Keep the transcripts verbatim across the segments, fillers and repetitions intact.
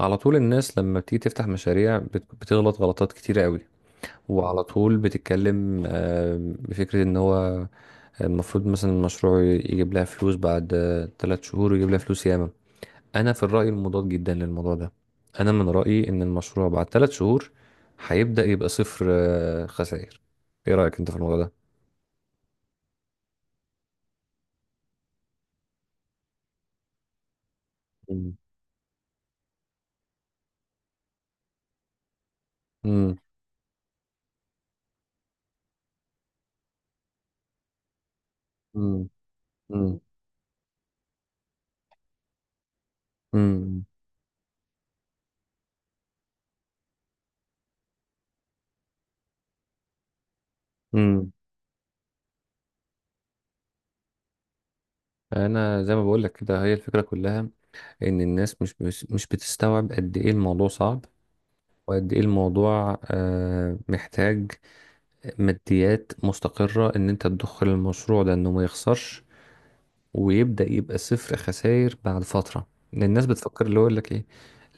على طول الناس لما بتيجي تفتح مشاريع بت- بتغلط غلطات كتيرة قوي. وعلى طول بتتكلم آه، بفكرة ان هو المفروض مثلا المشروع يجيب لها فلوس بعد آه، تلات شهور، ويجيب لها فلوس ياما. انا في الرأي المضاد جدا للموضوع ده. انا من رأيي ان المشروع بعد تلات شهور هيبدأ يبقى صفر آه، خسائر. ايه رأيك انت في الموضوع ده؟ مم. مم. مم. مم. مم. مم. انا زي ما بقول لك كده، هي الفكرة كلها ان الناس مش مش مش بتستوعب قد ايه الموضوع صعب، وقد ايه الموضوع آه، محتاج ماديات مستقرة، ان انت تدخل المشروع ده انه ما يخسرش، ويبدأ يبقى صفر خسائر بعد فترة. لأن الناس بتفكر اللي هو يقول لك ايه؟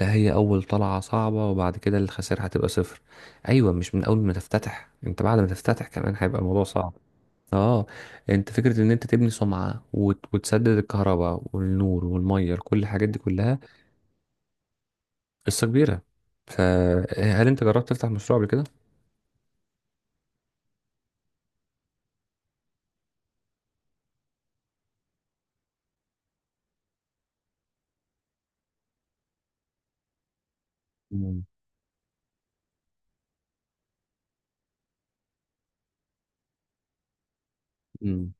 لا، هي اول طلعة صعبة، وبعد كده الخسائر هتبقى صفر. ايوه، مش من اول ما تفتتح، انت بعد ما تفتتح كمان هيبقى الموضوع صعب. اه. انت فكرة ان انت تبني سمعة، وت- وتسدد الكهرباء والنور والمية، كل الحاجات دي كلها قصة كبيرة. فهل انت جربت تفتح مشروع قبل كده؟ مم. مم.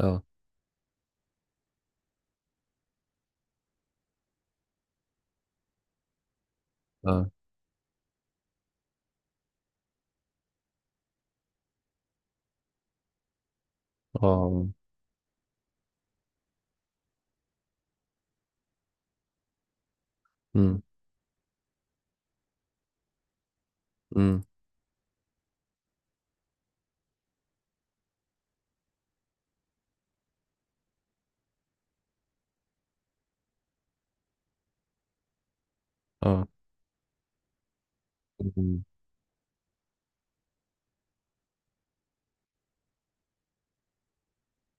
اه، اه، اه. امم. امم. اه. مم.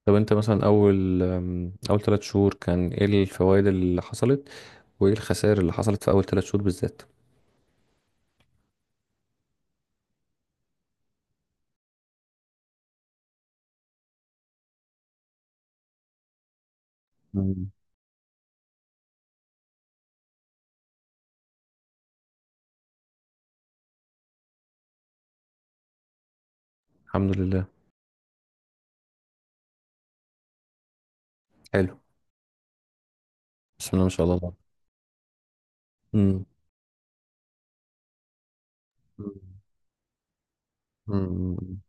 طب انت مثلا اول أم، اول ثلاث شهور كان ايه الفوائد اللي حصلت، وايه الخسائر اللي حصلت في اول ثلاث شهور بالذات؟ مم. الحمد لله. حلو. بسم الله ما شاء الله. امم. امم.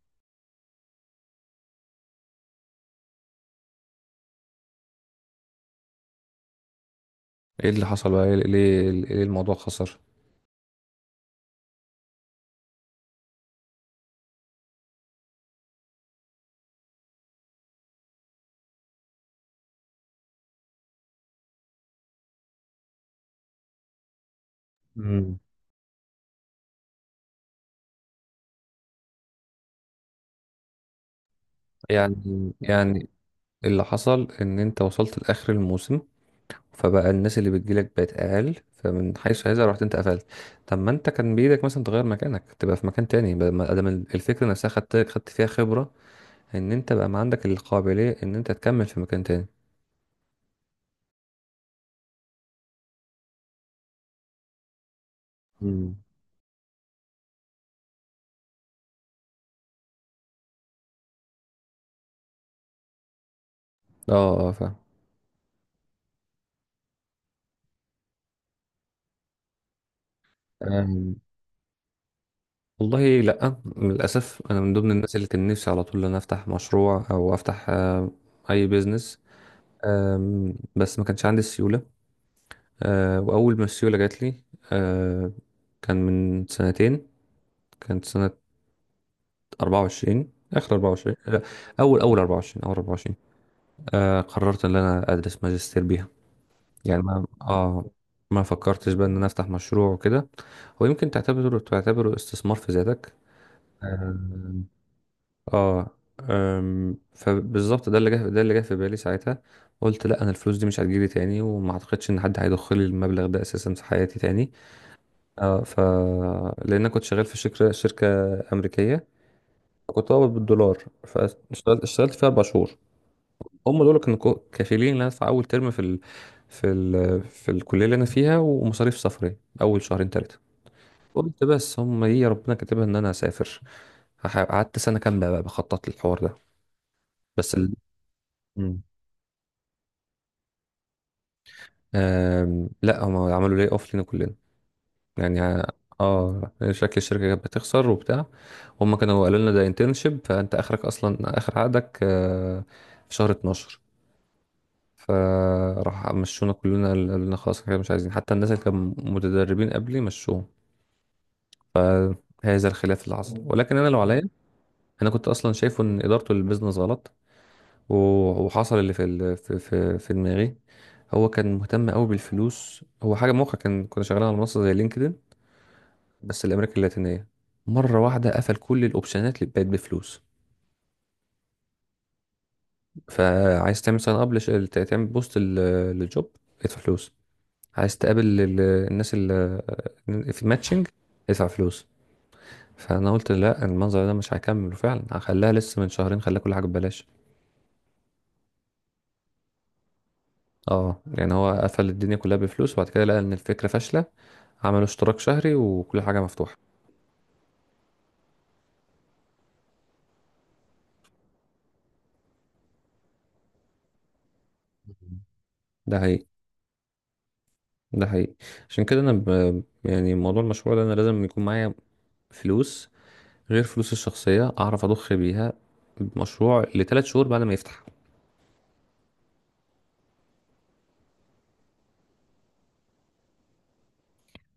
ايه اللي حصل بقى؟ ليه ليه ليه الموضوع خسر؟ امم. يعني يعني اللي حصل ان انت وصلت لاخر الموسم، فبقى الناس اللي بتجيلك بقت اقل، فمن حيث هذا رحت انت قفلت. طب ما انت كان بايدك مثلا تغير مكانك، تبقى في مكان تاني، بدل ما ادام الفكره نفسها خدت خدت فيها خبره، ان انت بقى ما عندك القابليه ان انت تكمل في مكان تاني. مم. اه، اه، فاهم. أم، والله لا، للاسف انا من ضمن الناس اللي كان نفسي على طول ان أنا افتح مشروع، او افتح آه، اي بيزنس. آم، بس ما كانش عندي السيوله. آه، واول ما السيوله جات لي آه، كان من سنتين، كانت سنه اربعه وعشرين، اخر اربعة وعشرين آه، اول اول اربعه وعشرين اول اربعه وعشرين آه قررت ان انا ادرس ماجستير بيها. يعني ما اه ما فكرتش بقى ان انا افتح مشروع وكده. هو يمكن تعتبره تعتبره استثمار في ذاتك. آم، اه. آم، فبالظبط ده اللي جه ده اللي جه في بالي ساعتها. قلت لا، انا الفلوس دي مش هتجيلي تاني، وما اعتقدش ان حد هيدخل لي المبلغ ده اساسا في حياتي تاني. اه، ف لان انا كنت شغال في شركه شركه امريكيه، كنت بقبض بالدولار. فاشتغلت اشتغلت فيها اربع شهور. هم دول كانوا كو- كافيين ان انا ادفع اول ترم في ال... في ال... في الكليه اللي انا فيها، ومصاريف سفري اول شهرين ثلاثه. قلت بس هم دي ربنا كاتبها ان انا هسافر. هح- قعدت سنه كامله بقى بخطط للحوار ده. بس ال... مم. آم... لا، هم عملوا لي اوف، لينا كلنا. يعني ع- اه، شكل الشركه كانت بتخسر وبتاع. هم كانوا قالوا لنا ده انترنشيب، فانت اخرك اصلا اخر عقدك آه، في شهر اثنا عشر. فراح مشونا كلنا، قال قالوا لنا خلاص كده مش عايزين، حتى الناس اللي كانوا متدربين قبلي مشوهم. هذا الخلاف اللي حصل، ولكن انا لو عليا، انا كنت اصلا شايفه ان ادارته للبيزنس غلط. و- وحصل اللي في ال- في في, في دماغي. هو كان مهتم قوي بالفلوس. هو حاجه موقع، كان كنا شغالين على منصه زي لينكدين، بس الامريكا اللاتينيه. مره واحده قفل كل الاوبشنات اللي بقت بفلوس. فعايز تعمل ساين اب، تعمل بوست لل- للجوب، ادفع فلوس. عايز تقابل ال- الناس اللي في ماتشنج، ادفع فلوس. فانا قلت لا، المنظر ده مش هكمل، وفعلا هخليها لسه من شهرين خليها كل حاجه ببلاش. اه، يعني هو قفل الدنيا كلها بفلوس، وبعد كده لقى ان الفكره فاشله، عملوا اشتراك شهري وكل حاجه مفتوحه. ده حقيقي. ده حقيقي. عشان كده انا ب... يعني موضوع المشروع ده انا لازم يكون معايا فلوس، غير فلوس الشخصيه، اعرف اضخ بيها مشروع لثلاث شهور بعد ما يفتح.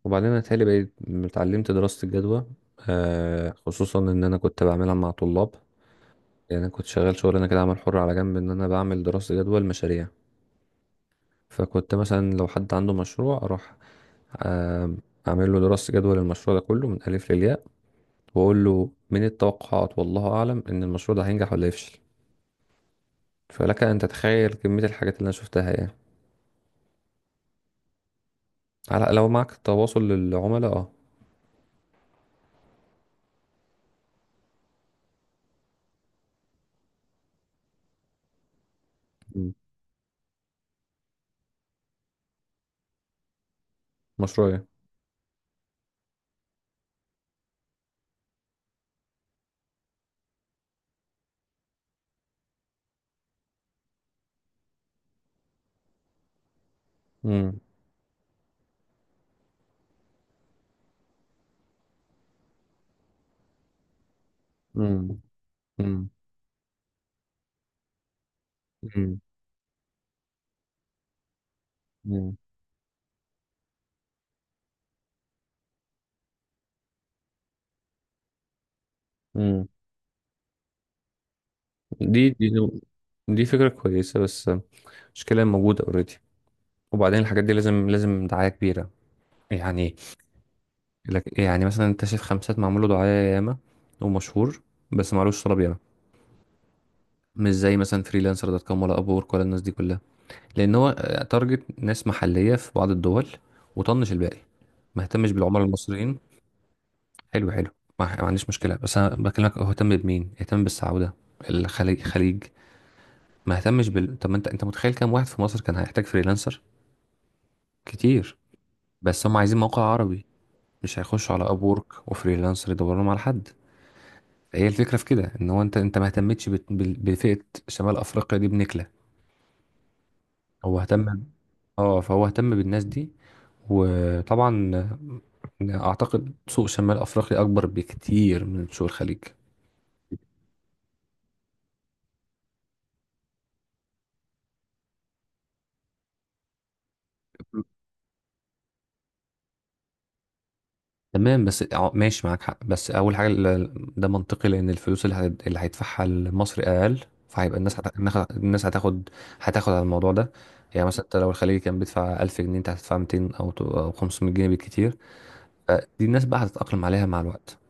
وبعدين انا تهيألي بقيت اتعلمت دراسة الجدوى، آه خصوصا ان انا كنت بعملها مع طلاب. يعني انا كنت شغال شغل انا كده، عمل حر على جنب، ان انا بعمل دراسة جدوى المشاريع. فكنت مثلا لو حد عنده مشروع اروح آه اعمل له دراسة جدوى للمشروع ده كله من الف للياء، واقول له من التوقعات والله اعلم ان المشروع ده هينجح ولا يفشل. فلك ان تتخيل كمية الحاجات اللي انا شفتها يعني. على، لو معك تواصل للعملاء، اه. مشروعي. امم. امم. امم. امم. دي دي دي فكرة كويسة، بس المشكلة موجودة اوريدي. وبعدين الحاجات دي لازم لازم دعاية كبيرة يعني. لك يعني مثلا انت شايف خمسات، معمول له دعاية ياما، ومشهور، بس معلوش طلب ياما. مش زي مثلا فريلانسر دوت كوم ولا اب وورك ولا الناس دي كلها. لان هو تارجت ناس محلية في بعض الدول، وطنش الباقي، ما اهتمش بالعملاء المصريين. حلو، حلو. ما ما عنديش مشكلة، بس انا بكلمك هو اهتم بمين؟ اهتم بالسعودة، الخليج خليج، ما اهتمش بال طب ما انت انت متخيل كام واحد في مصر كان هيحتاج فريلانسر؟ كتير. بس هم عايزين موقع عربي، مش هيخشوا على ابورك وفريلانسر يدوروا لهم على حد. هي الفكره في كده، ان هو انت انت ما اهتمتش بت- بال- بفئه شمال افريقيا دي بنكله. هو اهتم. اه، فهو اهتم بالناس دي، وطبعا اعتقد سوق شمال افريقيا اكبر بكتير من سوق الخليج. تمام، بس اه ماشي، معاك حق. بس اول حاجه ال- ده منطقي، لان الفلوس اللي هت- اللي هيدفعها لمصر اقل، فهيبقى الناس هت... النخ- الناس هتاخد، هتاخد على الموضوع ده. يعني مثلا انت لو الخليجي كان بيدفع الف جنيه، انت هتدفع ميتين او ت- او خمسمئة جنيه بالكتير. فدي الناس بقى هتتاقلم عليها مع الوقت.